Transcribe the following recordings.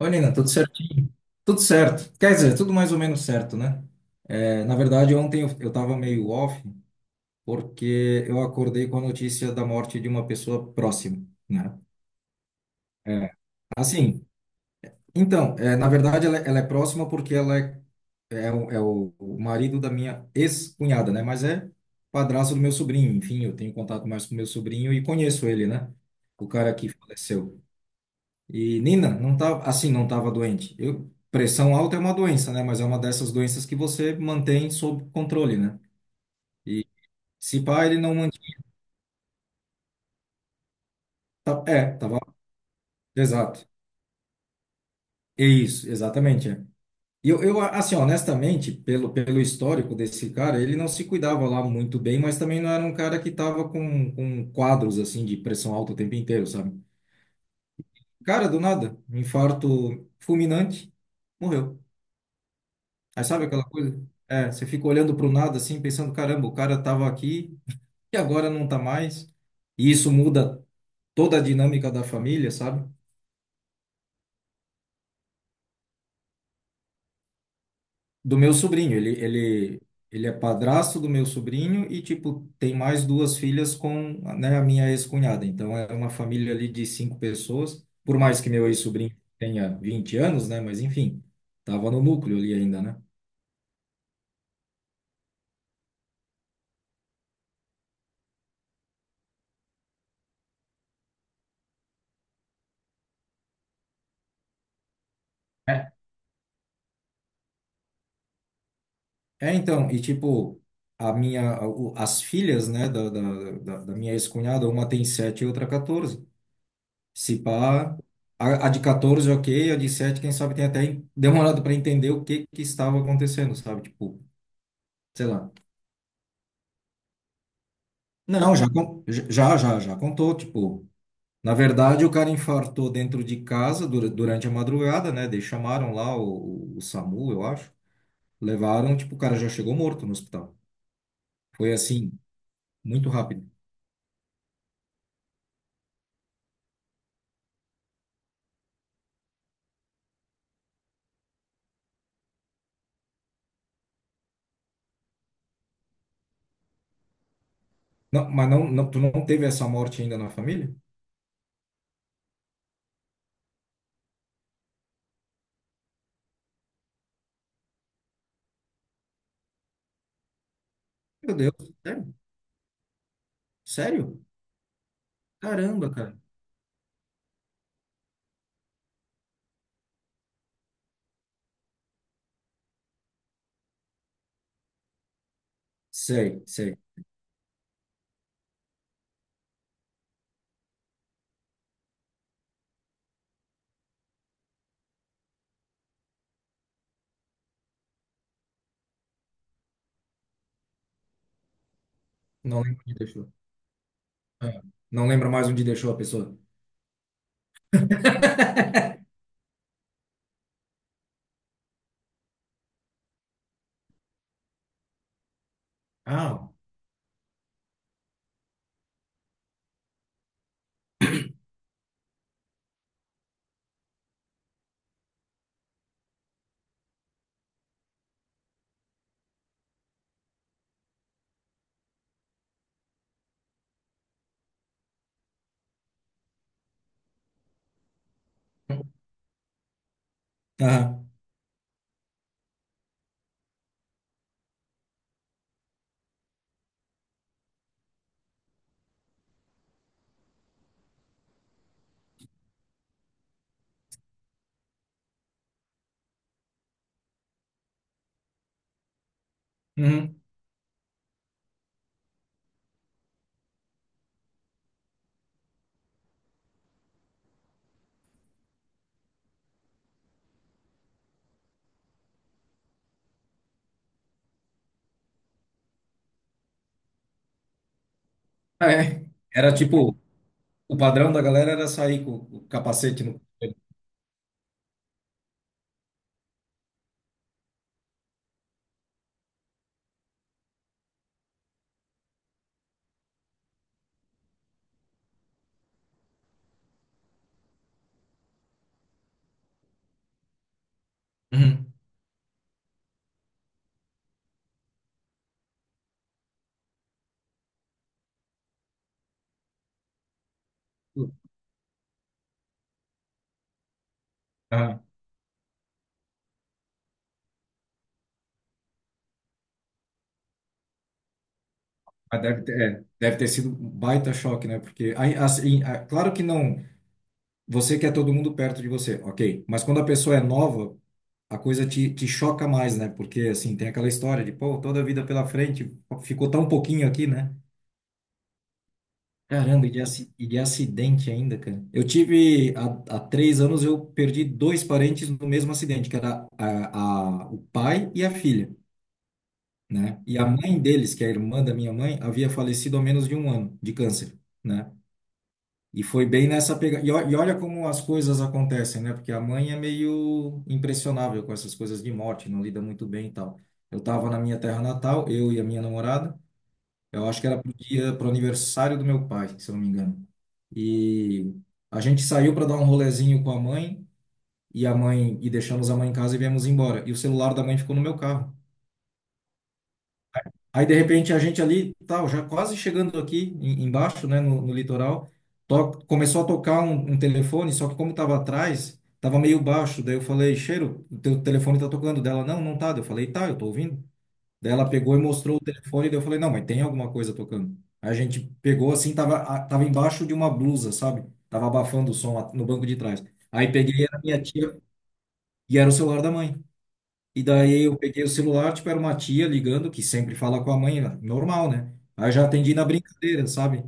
Oi, Nina, tudo certo? Tudo certo. Quer dizer, tudo mais ou menos certo, né? É, na verdade, ontem eu tava meio off porque eu acordei com a notícia da morte de uma pessoa próxima, né? É, assim, então, na verdade, ela é próxima porque ela é o marido da minha ex-cunhada, né? Mas é padrasto do meu sobrinho. Enfim, eu tenho contato mais com meu sobrinho e conheço ele, né? O cara que faleceu. E Nina, não tava, assim, não estava doente. Pressão alta é uma doença, né? Mas é uma dessas doenças que você mantém sob controle, né? E se pá, ele não mantinha. É, tava. Exato. É isso, exatamente. É. E eu, assim, honestamente, pelo histórico desse cara, ele não se cuidava lá muito bem, mas também não era um cara que tava com quadros, assim, de pressão alta o tempo inteiro, sabe? Cara, do nada, um infarto fulminante, morreu. Aí sabe aquela coisa? É, você fica olhando para o nada assim, pensando, caramba, o cara estava aqui e agora não tá mais. E isso muda toda a dinâmica da família, sabe? Do meu sobrinho, ele é padrasto do meu sobrinho e, tipo, tem mais duas filhas com, né, a minha ex-cunhada. Então, é uma família ali de cinco pessoas. Por mais que meu ex-sobrinho tenha 20 anos, né? Mas, enfim, tava no núcleo ali ainda, né? É, então, e tipo, a minha, as filhas, né, da minha ex-cunhada, uma tem 7 e outra 14. Se pá, a de 14, ok, a de 7 quem sabe tem até demorado para entender o que que estava acontecendo, sabe? Tipo, sei lá. Não, já contou, tipo, na verdade o cara infartou dentro de casa durante a madrugada, né, daí chamaram lá o SAMU, eu acho, levaram, tipo, o cara já chegou morto no hospital. Foi assim, muito rápido. Não, mas não, não, tu não teve essa morte ainda na família? Meu Deus, sério? Sério? Caramba, cara. Sei, sei. Não lembro onde deixou. Ah, não lembra mais onde deixou a pessoa. Ah, tá. Uhum. Ah, é. Era tipo, o padrão da galera era sair com o capacete no. Uhum. Ah, mas deve ter, deve ter sido um baita choque, né? Porque, aí, assim, ah, claro que não, você quer todo mundo perto de você, ok. Mas quando a pessoa é nova, a coisa te choca mais, né? Porque, assim, tem aquela história de, pô, toda a vida pela frente, ficou tão pouquinho aqui, né? Caramba, e de acidente ainda, cara. Eu tive, há 3 anos, eu perdi dois parentes no mesmo acidente, que era o pai e a filha, né? E a mãe deles, que é a irmã da minha mãe, havia falecido há menos de um ano de câncer, né? E foi bem nessa pegada. E olha como as coisas acontecem, né? Porque a mãe é meio impressionável com essas coisas de morte, não lida muito bem e tal. Eu tava na minha terra natal, eu e a minha namorada. Eu acho que era pro aniversário do meu pai, se eu não me engano. E a gente saiu para dar um rolezinho com a mãe e deixamos a mãe em casa e viemos embora. E o celular da mãe ficou no meu carro. Aí, de repente, a gente ali, tal, já quase chegando aqui embaixo, né, no litoral, começou a tocar um telefone, só que como estava atrás, estava meio baixo. Daí eu falei, Cheiro, o teu telefone está tocando. Dela, não, não tá. Daí eu falei, tá, eu tô ouvindo. Daí ela pegou e mostrou o telefone, daí eu falei, não, mas tem alguma coisa tocando. Aí a gente pegou assim, tava, tava embaixo de uma blusa, sabe? Tava abafando o som lá no banco de trás. Aí peguei, era minha tia, e era o celular da mãe. E daí eu peguei o celular, tipo, era uma tia ligando, que sempre fala com a mãe, né? Normal, né? Aí eu já atendi na brincadeira, sabe?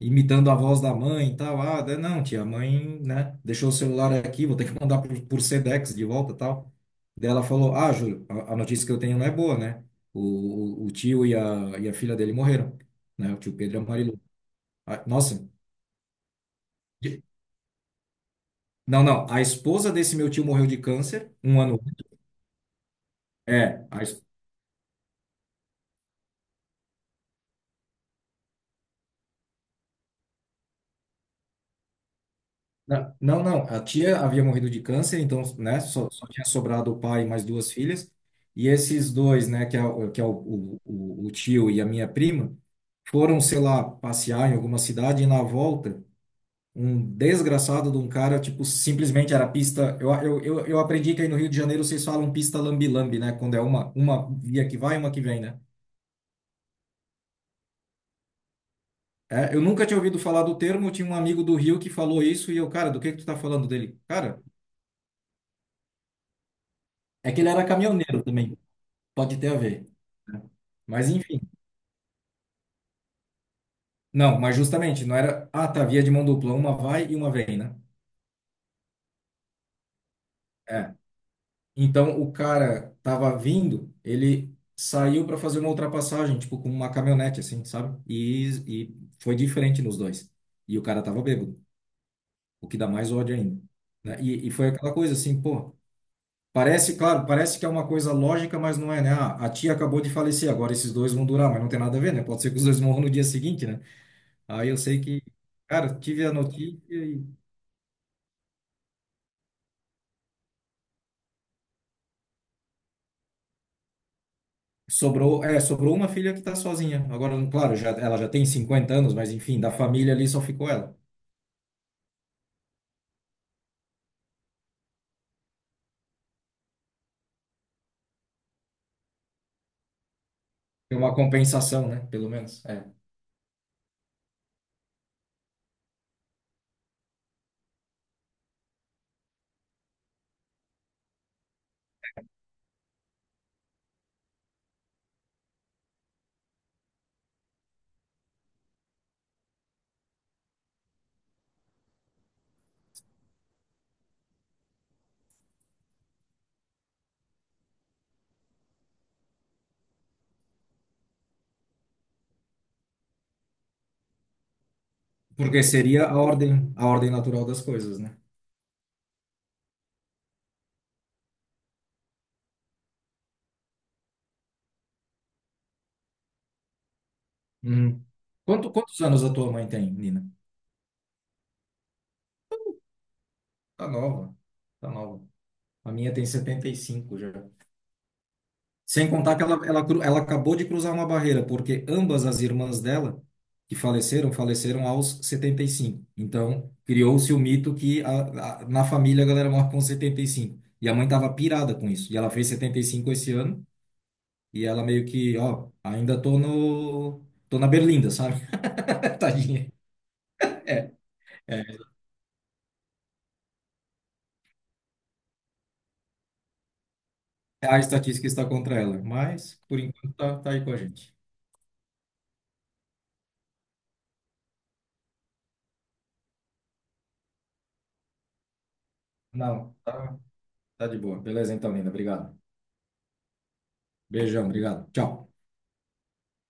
Imitando a voz da mãe e tal. Ah, daí, não, tia, a mãe, né? Deixou o celular aqui, vou ter que mandar por Sedex de volta e tal. Daí ela falou, ah, Júlio, a notícia que eu tenho não é boa, né? O, o tio e e a filha dele morreram, né? O tio Pedro e a Marilu. Ah, nossa, de- não, não, a esposa desse meu tio morreu de câncer um ano. É, a es- Não, não, a tia havia morrido de câncer, então, né, só tinha sobrado o pai e mais duas filhas, e esses dois, né, que é o tio e a minha prima, foram, sei lá, passear em alguma cidade e na volta, um desgraçado de um cara, tipo, simplesmente era pista, eu aprendi que aí no Rio de Janeiro vocês falam pista lambi-lambi, né, quando é uma via que vai e uma que vem, né? É, eu nunca tinha ouvido falar do termo, tinha um amigo do Rio que falou isso, e eu, cara, do que tu tá falando dele? Cara, é que ele era caminhoneiro também. Pode ter a ver, né? Mas enfim. Não, mas justamente, não era. Ah, tá, via de mão dupla, uma vai e uma vem, né? É. Então o cara tava vindo, ele saiu para fazer uma ultrapassagem, tipo com uma caminhonete, assim, sabe? E foi diferente nos dois. E o cara tava bêbado, o que dá mais ódio ainda, né? E foi aquela coisa assim, pô. Parece, claro, parece que é uma coisa lógica, mas não é, né? Ah, a tia acabou de falecer, agora esses dois vão durar, mas não tem nada a ver, né? Pode ser que os dois morram no dia seguinte, né? Aí eu sei que, cara, tive a notícia e sobrou, sobrou uma filha que tá sozinha. Agora, claro, ela já tem 50 anos, mas enfim, da família ali só ficou ela. Tem uma compensação, né? Pelo menos. É. Porque seria a ordem, natural das coisas, né? Uhum. Quantos anos a tua mãe tem, Nina? Tá nova. Tá nova. A minha tem 75 já. Sem contar que ela, ela acabou de cruzar uma barreira, porque ambas as irmãs dela, que faleceram, faleceram aos 75. Então, criou-se o mito que na família a galera morre com 75. E cinco. E a mãe estava pirada com isso. E ela fez 75 esse ano, e ela meio que, ó, ainda tô no, tô na berlinda, sabe? Tadinha. É, é, a estatística está contra ela, mas por enquanto tá aí com a gente. Não, tá de boa. Beleza, então, linda. Obrigado. Beijão, obrigado. Tchau.